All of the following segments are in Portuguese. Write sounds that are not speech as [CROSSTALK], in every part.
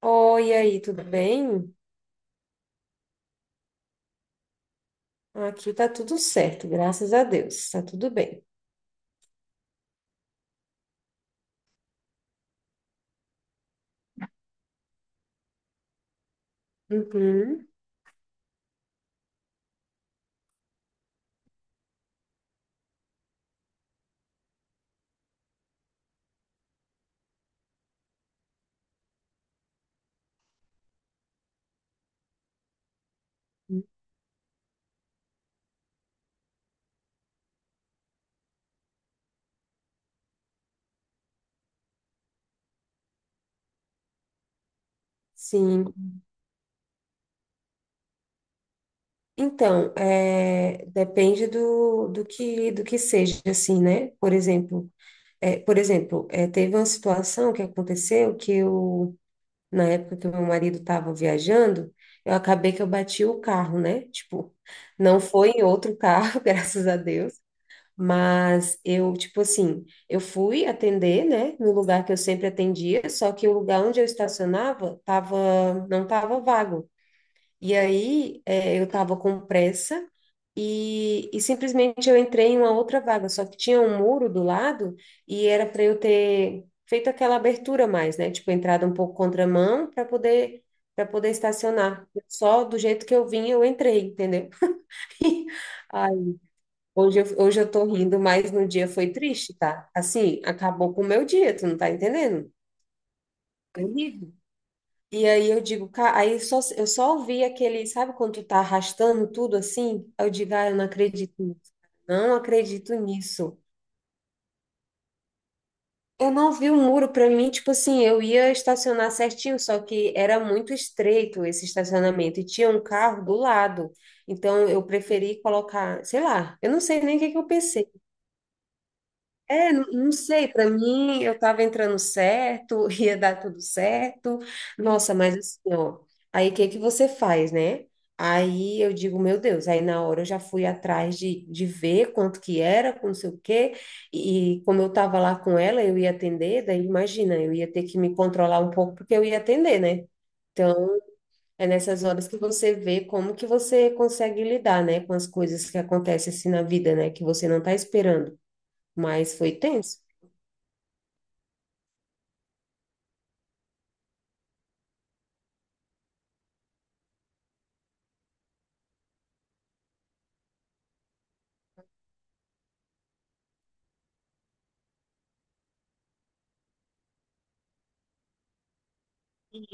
Oi, aí, tudo bem? Aqui tá tudo certo, graças a Deus, tá tudo bem. Uhum, sim. Então, depende do que seja, assim, né? Por exemplo, por exemplo, teve uma situação que aconteceu que eu, na época que o meu marido estava viajando, eu acabei que eu bati o carro, né? Tipo, não foi em outro carro, [LAUGHS] graças a Deus. Mas eu, tipo assim, eu fui atender, né, no lugar que eu sempre atendia, só que o lugar onde eu estacionava tava, não tava vago. E aí, eu tava com pressa e, simplesmente eu entrei em uma outra vaga, só que tinha um muro do lado e era para eu ter feito aquela abertura mais, né, tipo, entrada um pouco contramão para poder estacionar. Só do jeito que eu vim, eu entrei, entendeu? [LAUGHS] Aí hoje eu tô rindo, mas no dia foi triste, tá? Assim, acabou com o meu dia, tu não tá entendendo? Foi horrível. E aí eu digo, cara, eu só ouvi aquele, sabe quando tu tá arrastando tudo assim? Aí eu digo, ah, eu não acredito nisso. Não acredito nisso. Eu não vi o muro, pra mim, tipo assim, eu ia estacionar certinho, só que era muito estreito esse estacionamento e tinha um carro do lado. Então eu preferi colocar, sei lá, eu não sei nem o que que eu pensei. É, não sei, para mim eu tava entrando certo, [LAUGHS] ia dar tudo certo. Nossa, mas assim, ó, aí o que que você faz, né? Aí eu digo, meu Deus, aí na hora eu já fui atrás de ver quanto que era, com não sei o quê, e como eu tava lá com ela, eu ia atender, daí imagina, eu ia ter que me controlar um pouco porque eu ia atender, né? Então, é nessas horas que você vê como que você consegue lidar, né, com as coisas que acontecem assim na vida, né, que você não está esperando, mas foi tenso.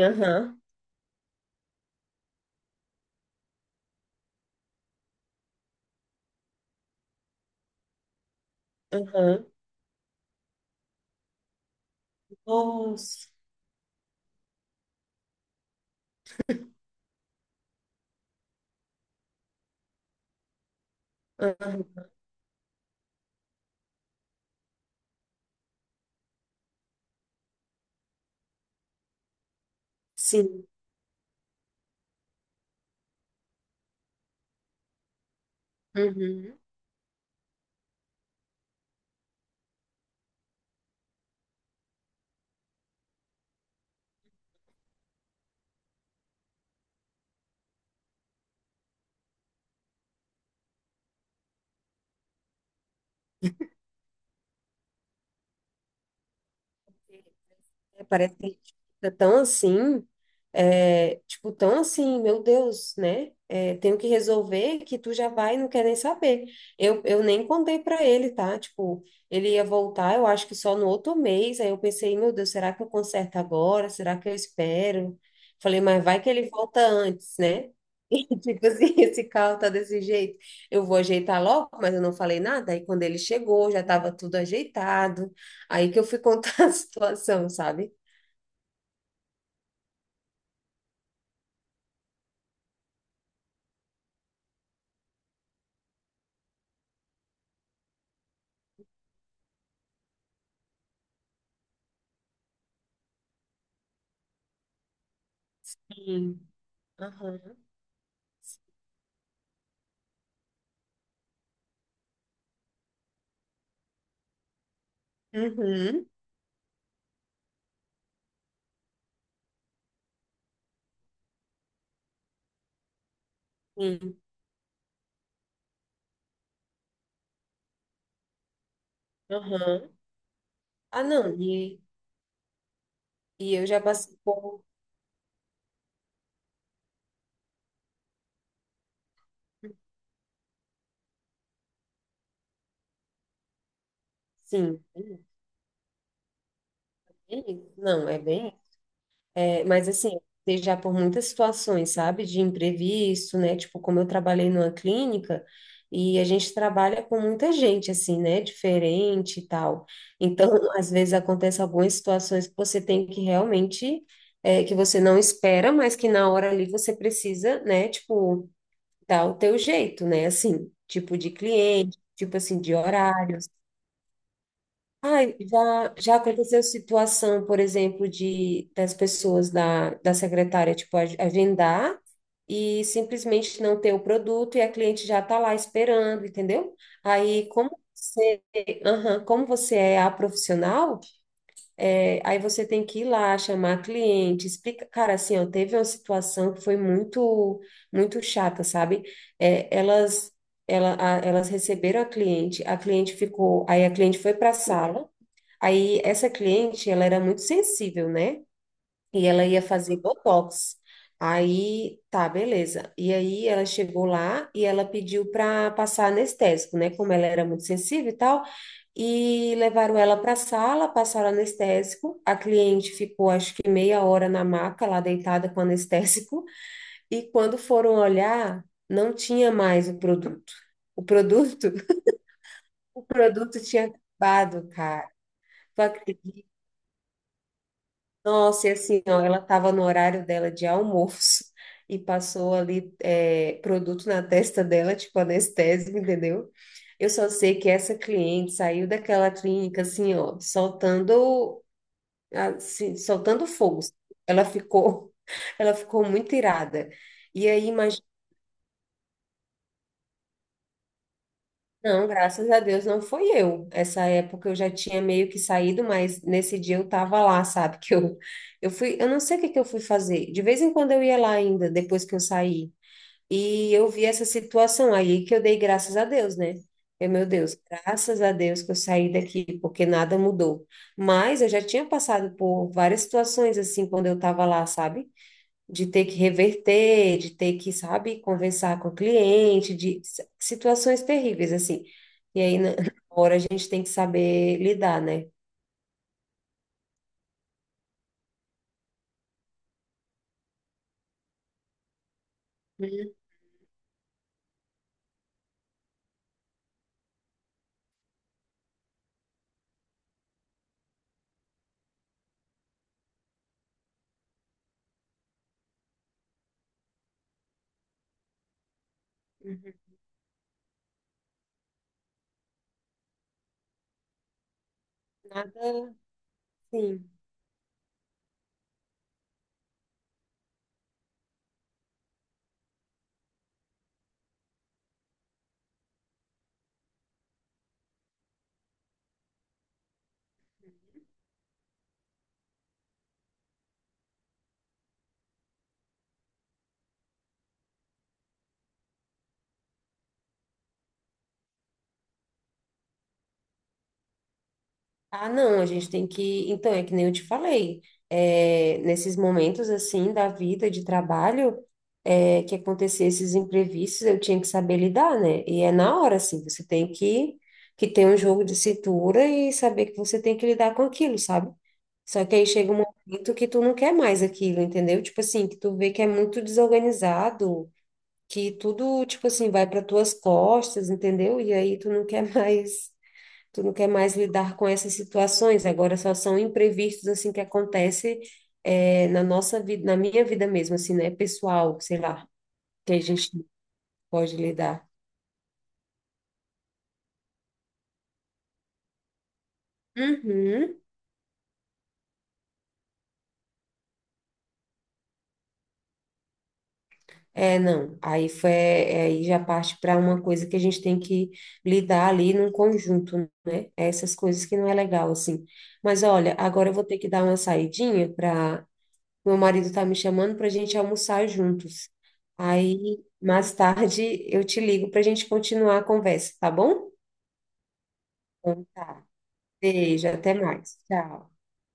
Aham, aham. Nossa, aham, sim. Uhum. É, parece que a gente fica tão assim, é, tipo, tão assim, meu Deus, né? É, tenho que resolver que tu já vai e não quer nem saber. Eu nem contei pra ele, tá? Tipo, ele ia voltar, eu acho que só no outro mês. Aí eu pensei, meu Deus, será que eu conserto agora? Será que eu espero? Falei, mas vai que ele volta antes, né? [LAUGHS] E, tipo assim, esse carro tá desse jeito. Eu vou ajeitar logo, mas eu não falei nada. Aí quando ele chegou, já tava tudo ajeitado. Aí que eu fui contar [LAUGHS] a situação, sabe? Sim. Aham. Uhum. Sim. Aham. Ah, não. E eu já passei por. Sim. Uhum. Não, é bem. É, mas assim, eu já por muitas situações, sabe? De imprevisto, né? Tipo, como eu trabalhei numa clínica e a gente trabalha com muita gente, assim, né? Diferente e tal. Então, [LAUGHS] às vezes acontece algumas situações que você tem que realmente. É, que você não espera, mas que na hora ali você precisa, né? Tipo, dá o teu jeito, né? Assim, tipo de cliente, tipo assim, de horários. Ai, já, já aconteceu situação, por exemplo, de das pessoas da secretária, tipo, agendar e simplesmente não ter o produto e a cliente já tá lá esperando, entendeu? Aí, como você, aham, como você é a profissional, é, aí você tem que ir lá, chamar cliente, explica. Cara, assim, ó, teve uma situação que foi muito, muito chata, sabe? É, elas, ela, elas receberam a cliente ficou, aí a cliente foi para a sala. Aí essa cliente, ela era muito sensível, né? E ela ia fazer botox. Aí, tá, beleza. E aí ela chegou lá e ela pediu para passar anestésico, né? Como ela era muito sensível e tal. E levaram ela para a sala, passaram anestésico. A cliente ficou, acho que meia hora na maca, lá deitada com anestésico. E quando foram olhar, não tinha mais o produto. O produto, [LAUGHS] o produto tinha acabado, cara. Tu acredita? Nossa, e assim, ó, ela estava no horário dela de almoço e passou ali produto na testa dela, tipo anestésico, entendeu? Eu só sei que essa cliente saiu daquela clínica assim, ó, soltando, assim, soltando fogo. Ela ficou, [LAUGHS] ela ficou muito irada. E aí, não, graças a Deus não foi eu. Essa época eu já tinha meio que saído, mas nesse dia eu tava lá, sabe? [LAUGHS] Que eu fui, eu não sei o que que eu fui fazer. De vez em quando eu ia lá ainda, depois que eu saí. E eu vi essa situação aí que eu dei graças a Deus, né? Eu, meu Deus, graças a Deus que eu saí daqui, porque nada mudou. Mas eu já tinha passado por várias situações assim quando eu tava lá, sabe? De ter que reverter, de ter que, sabe, conversar com o cliente, de situações terríveis, assim. E aí, na [LAUGHS] na hora, a gente tem que saber lidar, né? Uhum. Uhum. Nada, sim. Ah, não, a gente tem que. Então, é que nem eu te falei, é, nesses momentos assim da vida de trabalho, é, que acontecer esses imprevistos, eu tinha que saber lidar, né? E é na hora, assim, você tem que ter um jogo de cintura e saber que você tem que lidar com aquilo, sabe? Só que aí chega um momento que tu não quer mais aquilo, entendeu? Tipo assim, que tu vê que é muito desorganizado, que tudo, tipo assim, vai para tuas costas, entendeu? E aí tu não quer [LAUGHS] mais. Tu não quer mais lidar com essas situações, agora só são imprevistos assim que acontece na nossa vida, na minha vida mesmo, assim, né? Pessoal, sei lá, que a gente não pode lidar. Uhum. É, não. Aí foi, é, aí já parte para uma coisa que a gente tem que lidar ali num conjunto, né? Essas coisas que não é legal, assim. Mas olha, agora eu vou ter que dar uma saidinha para meu marido. Tá me chamando para a gente almoçar juntos. Aí, mais tarde, eu te ligo para a gente continuar a conversa, tá bom? Então tá. Beijo, até mais. Tchau.